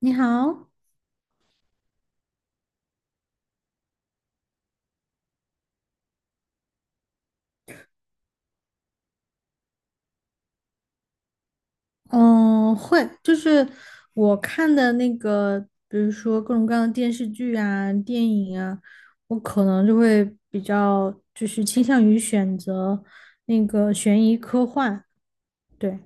你好，嗯，会，我看的比如说各种各样的电视剧啊、电影啊，我可能就会比较就是倾向于选择那个悬疑科幻。对，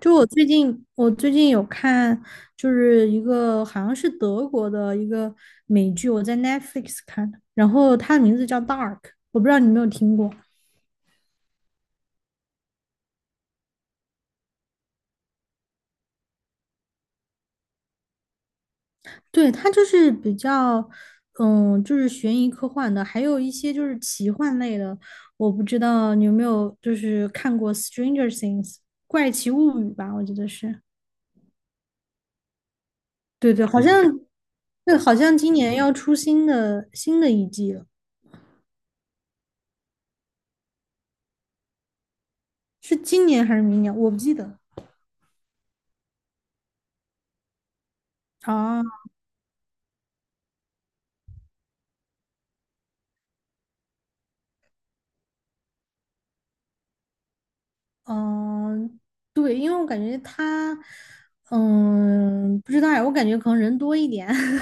就我最近我最近有看，就是一个好像是德国的一个美剧，我在 Netflix 看的，然后它的名字叫《Dark》，我不知道你有没有听过。对，它就是比较，嗯，就是悬疑科幻的，还有一些就是奇幻类的。我不知道你有没有看过《Stranger Things》怪奇物语吧？我记得是，对对，好像，对，好像今年要出新的一季了，是今年还是明年？我不记得。啊，嗯，对，因为我感觉它，不知道呀，我感觉可能人多一点。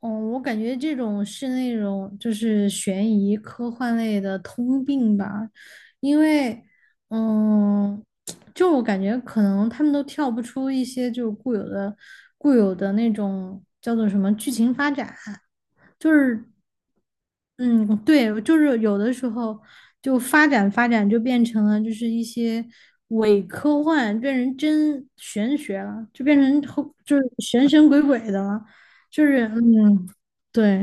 嗯，我感觉这种是那种就是悬疑科幻类的通病吧，因为，嗯，就我感觉可能他们都跳不出一些固有的那种叫做什么剧情发展，就是嗯，对，就是有的时候就发展就变成了就是一些伪科幻，变成真玄学了，就变成后就是神神鬼鬼的了，就是嗯，对。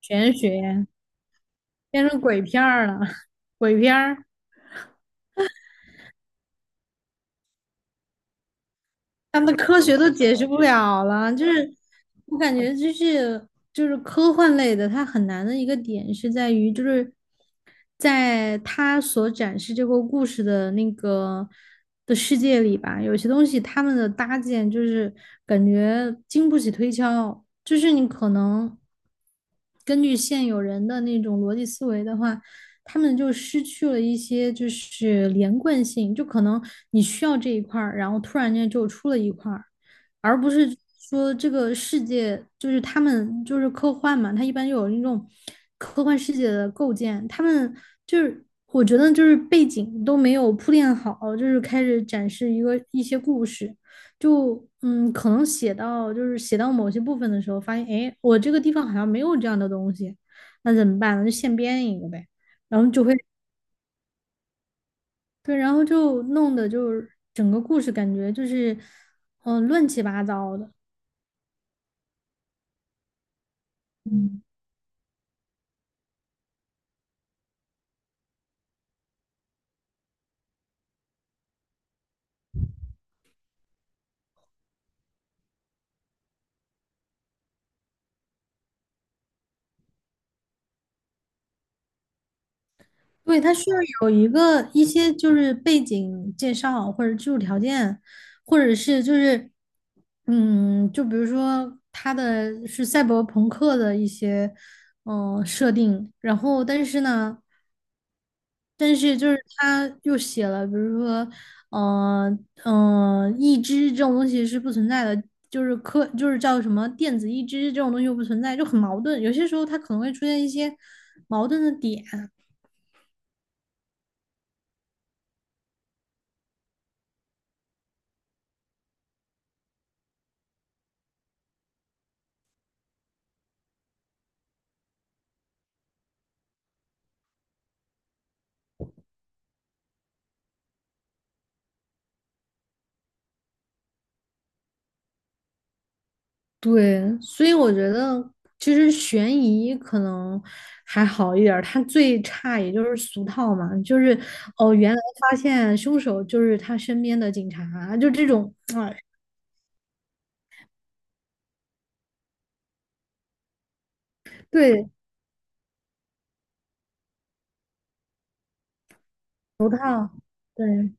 玄学变成鬼片儿了，鬼片儿，他们的科学都解释不了了。我感觉就是科幻类的，它很难的一个点是在于，在他所展示这个故事的那个世界里吧，有些东西他们的搭建感觉经不起推敲，就是你可能根据现有人的那种逻辑思维的话。他们就失去了一些就是连贯性，就可能你需要这一块儿，然后突然间就出了一块儿，而不是说这个世界就是他们就是科幻嘛，它一般有那种科幻世界的构建，他们就是我觉得就是背景都没有铺垫好，就是开始展示一个一些故事，可能写到某些部分的时候，发现哎，我这个地方好像没有这样的东西，那怎么办呢？就现编一个呗，然后就会对，然后就弄得就是整个故事感觉就是乱七八糟的。嗯。对，它需要有一个一些就是背景介绍，或者技术条件，或者是就是嗯，就比如说它的是赛博朋克的一些设定，然后但是呢，但是就是它又写了，比如说义肢这种东西是不存在的，就是科就是叫什么电子义肢这种东西又不存在，就很矛盾。有些时候它可能会出现一些矛盾的点。对，所以我觉得其实悬疑可能还好一点儿，它最差也就是俗套嘛，就是哦，原来发现凶手就是他身边的警察，就这种啊，对，俗套，对。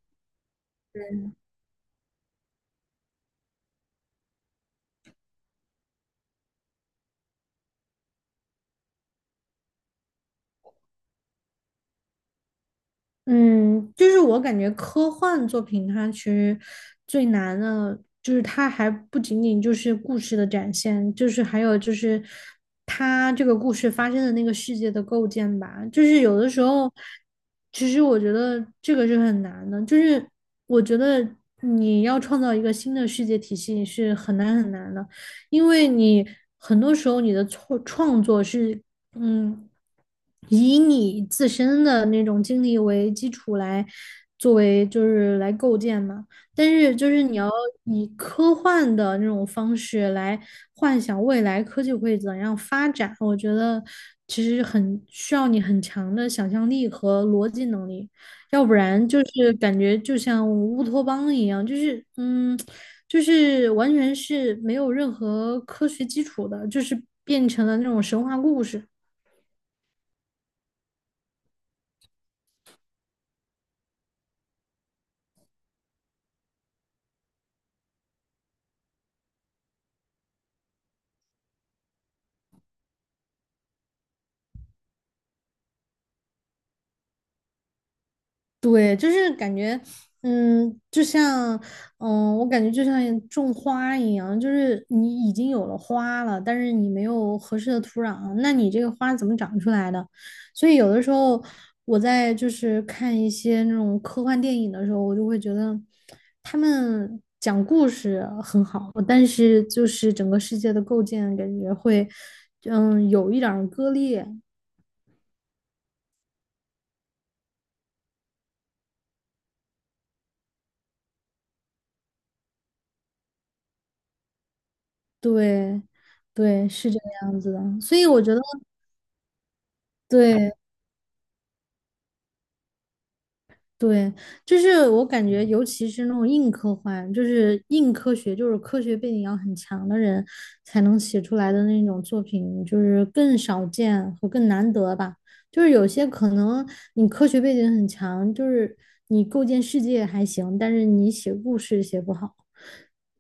嗯，就是我感觉科幻作品它其实最难的，就是它还不仅仅就是故事的展现，就是还有就是它这个故事发生的那个世界的构建吧。就是有的时候，其实我觉得这个是很难的，就是我觉得你要创造一个新的世界体系是很难的，因为你很多时候你的创作是嗯，以你自身的那种经历为基础来作为就是来构建嘛，但是就是你要以科幻的那种方式来幻想未来科技会怎样发展，我觉得其实很需要你很强的想象力和逻辑能力，要不然就是感觉就像乌托邦一样，就是完全是没有任何科学基础的，就是变成了那种神话故事。对，就是感觉，嗯，就像，嗯，我感觉就像种花一样，就是你已经有了花了，但是你没有合适的土壤，那你这个花怎么长出来的？所以有的时候我在就是看一些那种科幻电影的时候，我就会觉得他们讲故事很好，但是就是整个世界的构建感觉会，有一点儿割裂。对，对,是这个样子的，所以我觉得对。对，就是我感觉，尤其是那种硬科幻，就是硬科学，就是科学背景要很强的人才能写出来的那种作品，就是更少见和更难得吧。就是有些可能你科学背景很强，就是你构建世界还行，但是你写故事写不好，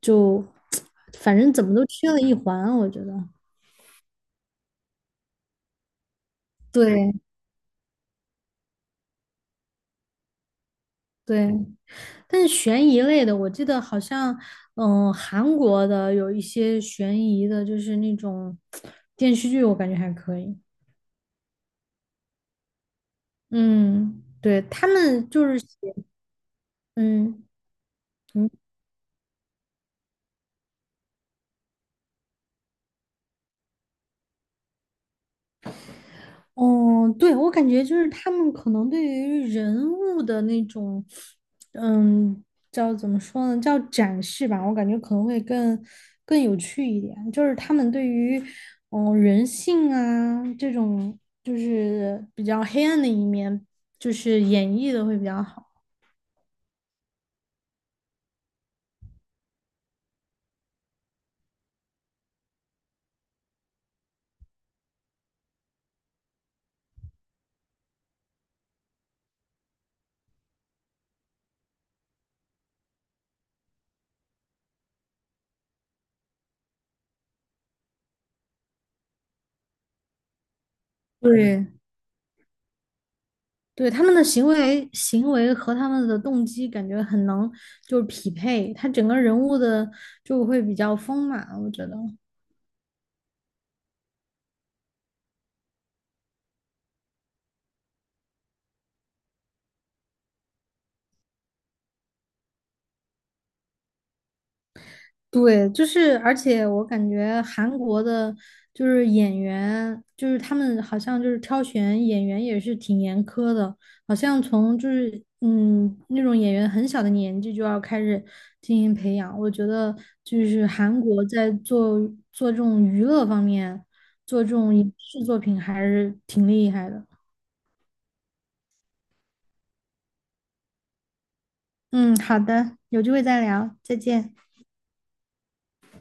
就 反正怎么都缺了一环啊，我觉得。对，对,但是悬疑类的，我记得好像，韩国的有一些悬疑的，就是那种电视剧，我感觉还可以。嗯，对，他们就是写，嗯，你哦，对，我感觉就是他们可能对于人物的那种，嗯，叫怎么说呢，叫展示吧，我感觉可能会更有趣一点。就是他们对于，人性啊这种，就是比较黑暗的一面，就是演绎的会比较好。对，对，他们的行为和他们的动机感觉很能就是匹配，他整个人物的就会比较丰满，我觉得。对，就是，而且我感觉韩国的，就是演员，就是他们好像就是挑选演员也是挺严苛的，好像从那种演员很小的年纪就要开始进行培养。我觉得就是韩国在做这种娱乐方面，做这种影视作品还是挺厉害的。嗯，好的，有机会再聊，再见。